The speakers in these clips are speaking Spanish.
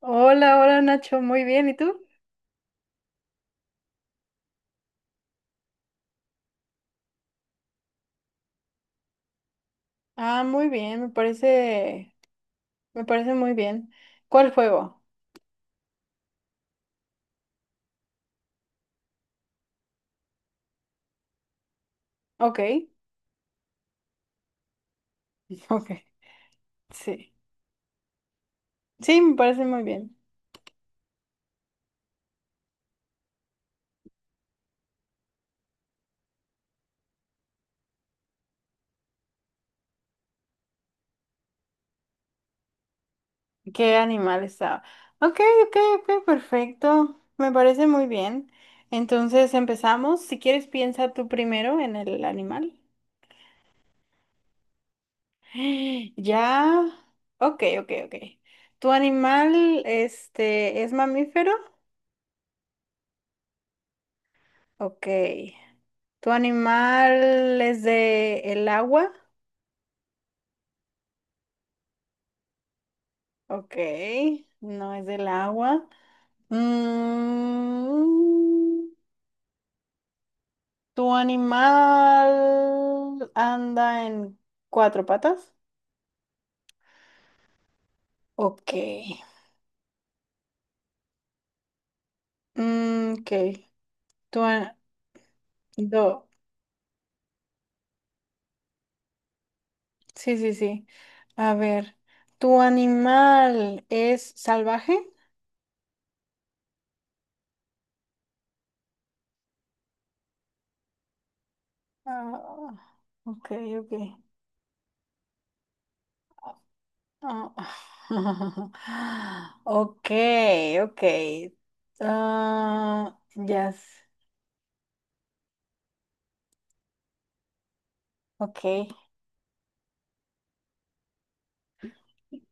Hola, hola Nacho, muy bien, ¿y tú? Ah, muy bien, me parece muy bien. ¿Cuál juego? Ok, ok, sí. Sí, me parece muy bien. ¿Qué animal estaba? Ok, ok, ok, perfecto. Me parece muy bien. Entonces empezamos. Si quieres, piensa tú primero en el animal. Ya. Ok, ok, ok. ¿Tu animal, este, es mamífero? Ok. ¿Tu animal es de el agua? Ok. No es del agua. Mm, ¿Tu animal anda en cuatro patas? Ok. Mm, ok. Tu a- do- Sí, sí, sí. A ver. ¿Tu animal es salvaje? Ah, ok, ok. Oh, okay, okay. Ah, yes, okay.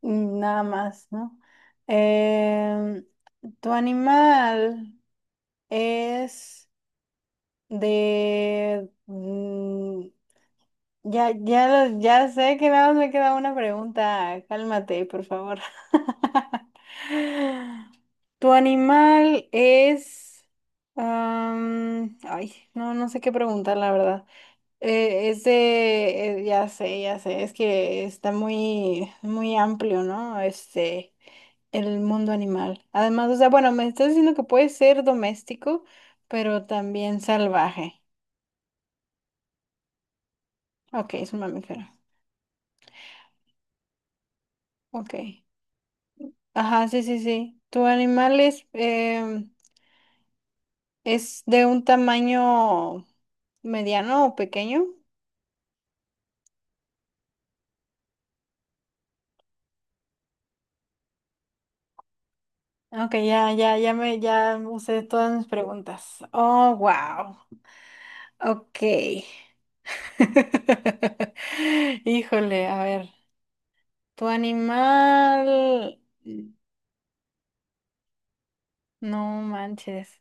Mm, nada más, ¿no? Em, ¿Tu animal es de, mm, ya, ya, ya sé que nada más me queda una pregunta. Cálmate, por favor. ¿Tu animal es... ay, no, no sé qué preguntar, la verdad. Es de... ya sé, ya sé. Es que está muy, muy amplio, ¿no? Este, el mundo animal. Además, o sea, bueno, me estás diciendo que puede ser doméstico, pero también salvaje. Ok, es un mamífero. Ok. Ajá, sí, sí, sí. ¿Tu animal es, es de un tamaño mediano o pequeño? Ok, ya, ya, ya usé todas mis preguntas. Oh, wow. Ok. Híjole, a ver. Tu animal. No manches.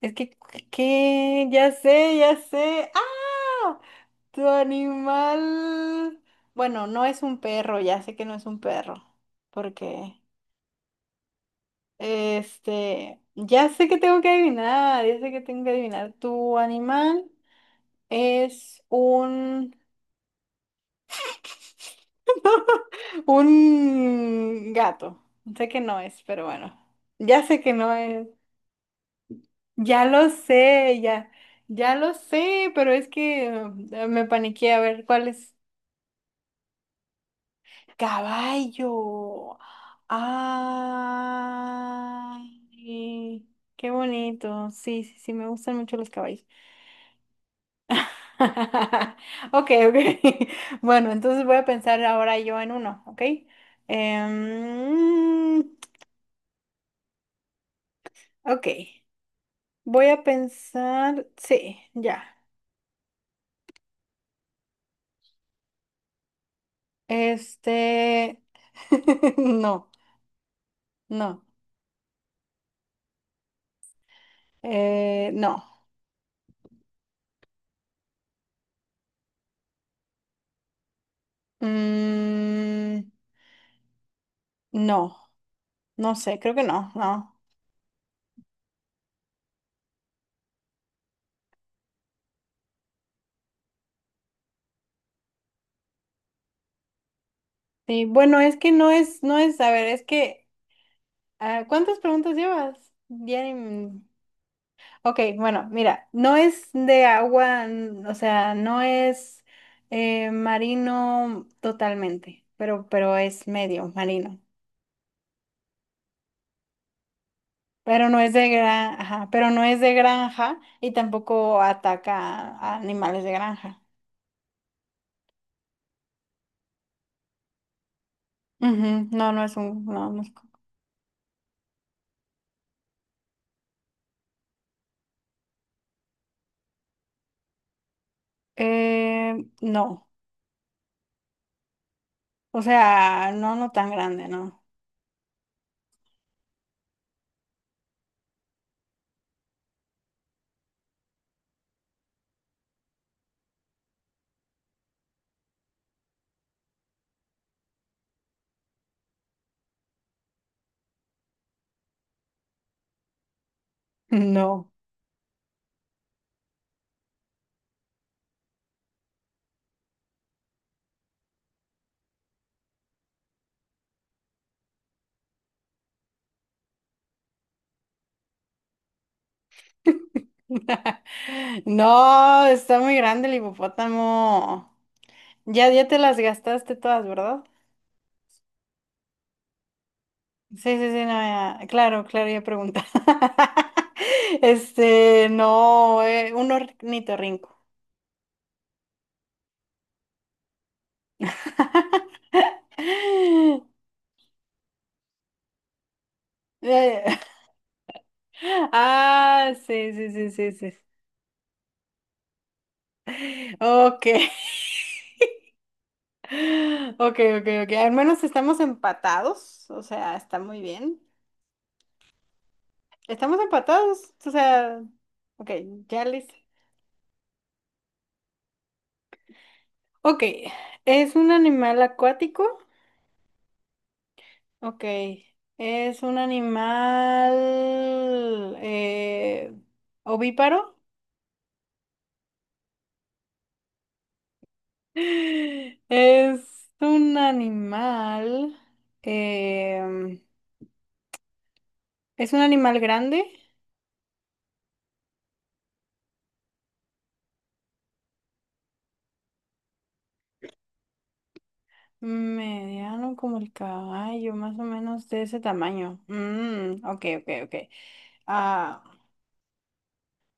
Es que, ¿qué? Ya sé, ya sé. ¡Ah! Tu animal, bueno, no es un perro, ya sé que no es un perro, porque, este, ya sé que tengo que adivinar, ya sé que tengo que adivinar. Tu animal es un gato. Sé que no es, pero bueno, ya sé que no es. Ya lo sé, ya, ya lo sé, pero es que me paniqué a ver cuál es. Caballo. Ay, qué bonito. Sí, sí, sí, me gustan mucho los caballos. Ok, ok. Bueno, entonces voy a pensar ahora yo en uno, ¿ok? Em, ok, voy a pensar, sí, ya. Este, no, no, no. Mm, no, no sé, creo que no, no. Sí, bueno, es que no es, no es, a ver, es que, ah, ¿cuántas preguntas llevas? Ya ni m- Ok, bueno, mira, no es de agua, o sea, no es marino totalmente, pero es medio marino. Pero no es de granja, pero no es de granja y tampoco ataca a animales de granja. Ujú, no, no es un, no, eh, no, o sea, no, no tan grande, no. No. No, está muy grande el hipopótamo. Ya, ya te las gastaste todas, ¿verdad? Sí, sí, sí, no, ya. Claro, claro, ya pregunta. Este, no, un ornitorrinco. Eh, ah, sí, sí, sí, sí, sí. Ok. Ok, ok, ok. Al menos estamos empatados. O sea, está muy bien. Estamos empatados. O sea, ok, ya listo. Ok, ¿es un animal acuático? Ok, ¿es un animal ovíparo? ¿Es un animal... em, ¿es un animal grande? Mediano como el caballo, más o menos de ese tamaño. Mm, ok, ok, ok. Ah,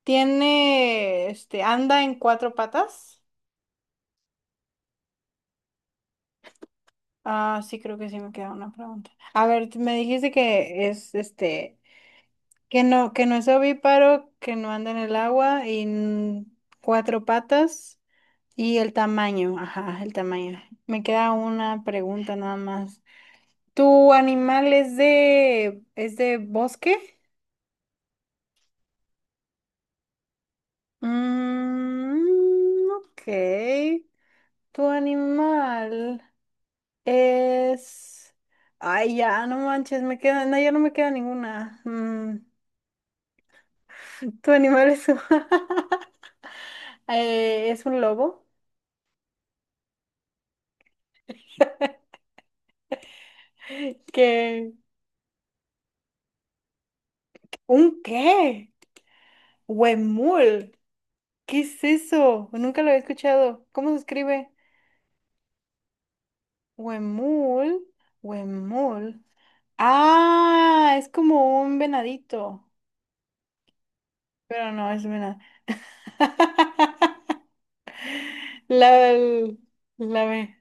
¿tiene, este, anda en cuatro patas? Ah, sí, creo que sí me queda una pregunta. A ver, me dijiste que es este, que no es ovíparo, que no anda en el agua y cuatro patas y el tamaño, ajá, el tamaño. Me queda una pregunta nada más. ¿Tu animal es de bosque? Mm, ok. ¿Tu animal es... ay, ya, no manches, me queda, no, ya no me queda ninguna. Mm. Tu animal es un, es un lobo. ¿Qué? ¿Un qué? Huemul. ¿Qué es eso? Nunca lo he escuchado. ¿Cómo se escribe? Huemul. Huemul. Ah, es como un venadito. Pero no, es venado. La, la, ve-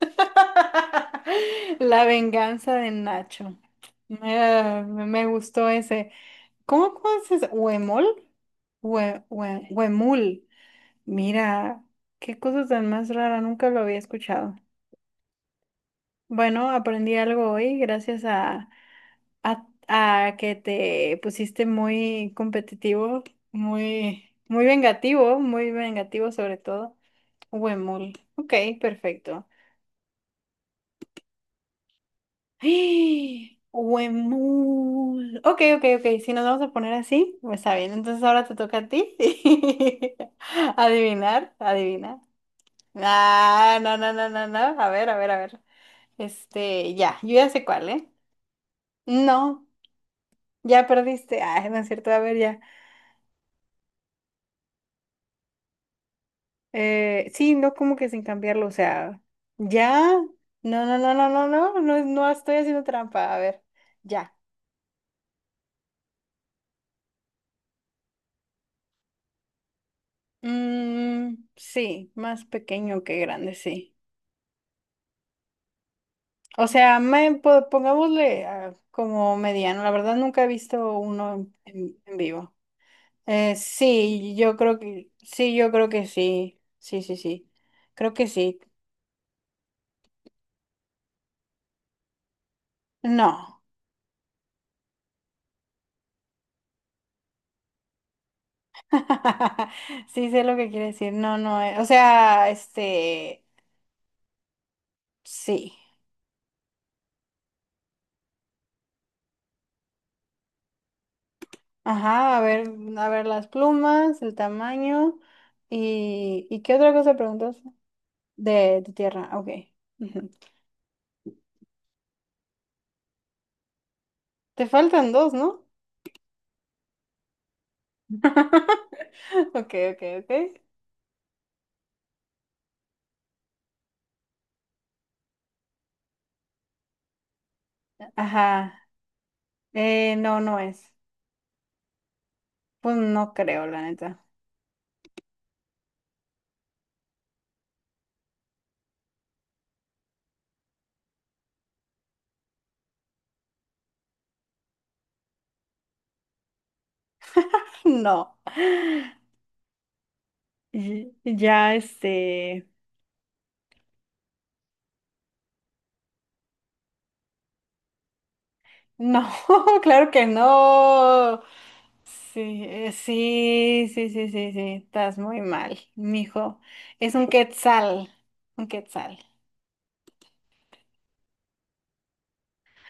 la venganza de Nacho. Me gustó ese. ¿Cómo, conoces? Se dice? ¿Huemol? Huemul. Mira, qué cosa tan más rara, nunca lo había escuchado. Bueno, aprendí algo hoy gracias a, a que te pusiste muy competitivo, muy, muy vengativo sobre todo. Huemul. Ok, perfecto. Huemul. Ok, ok, ok. Si nos vamos a poner así, pues está bien. Entonces ahora te toca a ti. Adivinar, adivinar. Ah, no, no, no, no, no. A ver, a ver, a ver. Este, ya, yo ya sé cuál, ¿eh? No, ya perdiste. Ah, no es cierto, a ver, ya. Sí, no como que sin cambiarlo, o sea, ya. No, no, no, no, no, no, no, no estoy haciendo trampa. A ver, ya. Mm, sí, más pequeño que grande, sí. O sea, pongámosle ah, como mediano. La verdad nunca he visto uno en, en vivo. Sí, yo creo que sí, yo creo que sí. Sí, sí, sí. Creo que sí. No. Sí sé lo que quiere decir. No, no. O sea, este, sí. Ajá, a ver las plumas, el tamaño ¿y qué otra cosa preguntas? De tu tierra, ok. Ujú. Te faltan dos, ¿no? Ok, ok, ok. Ajá. No, no es. Pues no creo, la neta. No. Ya, este. No, claro que no. Sí, sí, sí, sí, sí, sí. Estás muy mal, mijo. Es un quetzal. Un quetzal.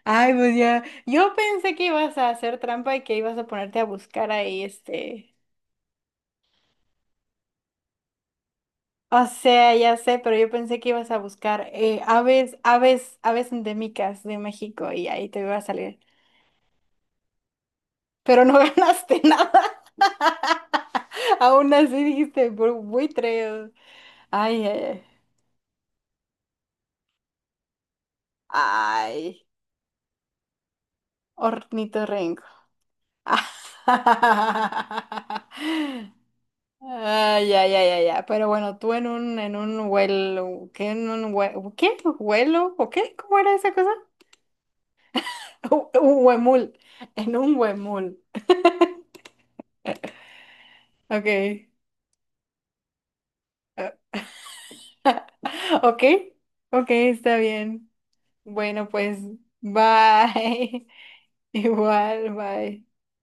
Ay, pues ya. Yo pensé que ibas a hacer trampa y que ibas a ponerte a buscar ahí, este. O sea, ya sé, pero yo pensé que ibas a buscar aves, aves, aves endémicas de México y ahí te iba a salir. Pero no ganaste nada. Aún así dijiste buitre. Ay, ay, ay. Ay, ornitorrinco. Ay, ay, ay, ay, ay. Pero bueno, tú en un vuelo, ¿qué? En un ¿qué? ¿Vuelo? ¿O qué? ¿Cómo era esa cosa? Un huemul. En un huemul. Okay, okay, okay, está bien. Bueno, pues, bye. Igual, bye.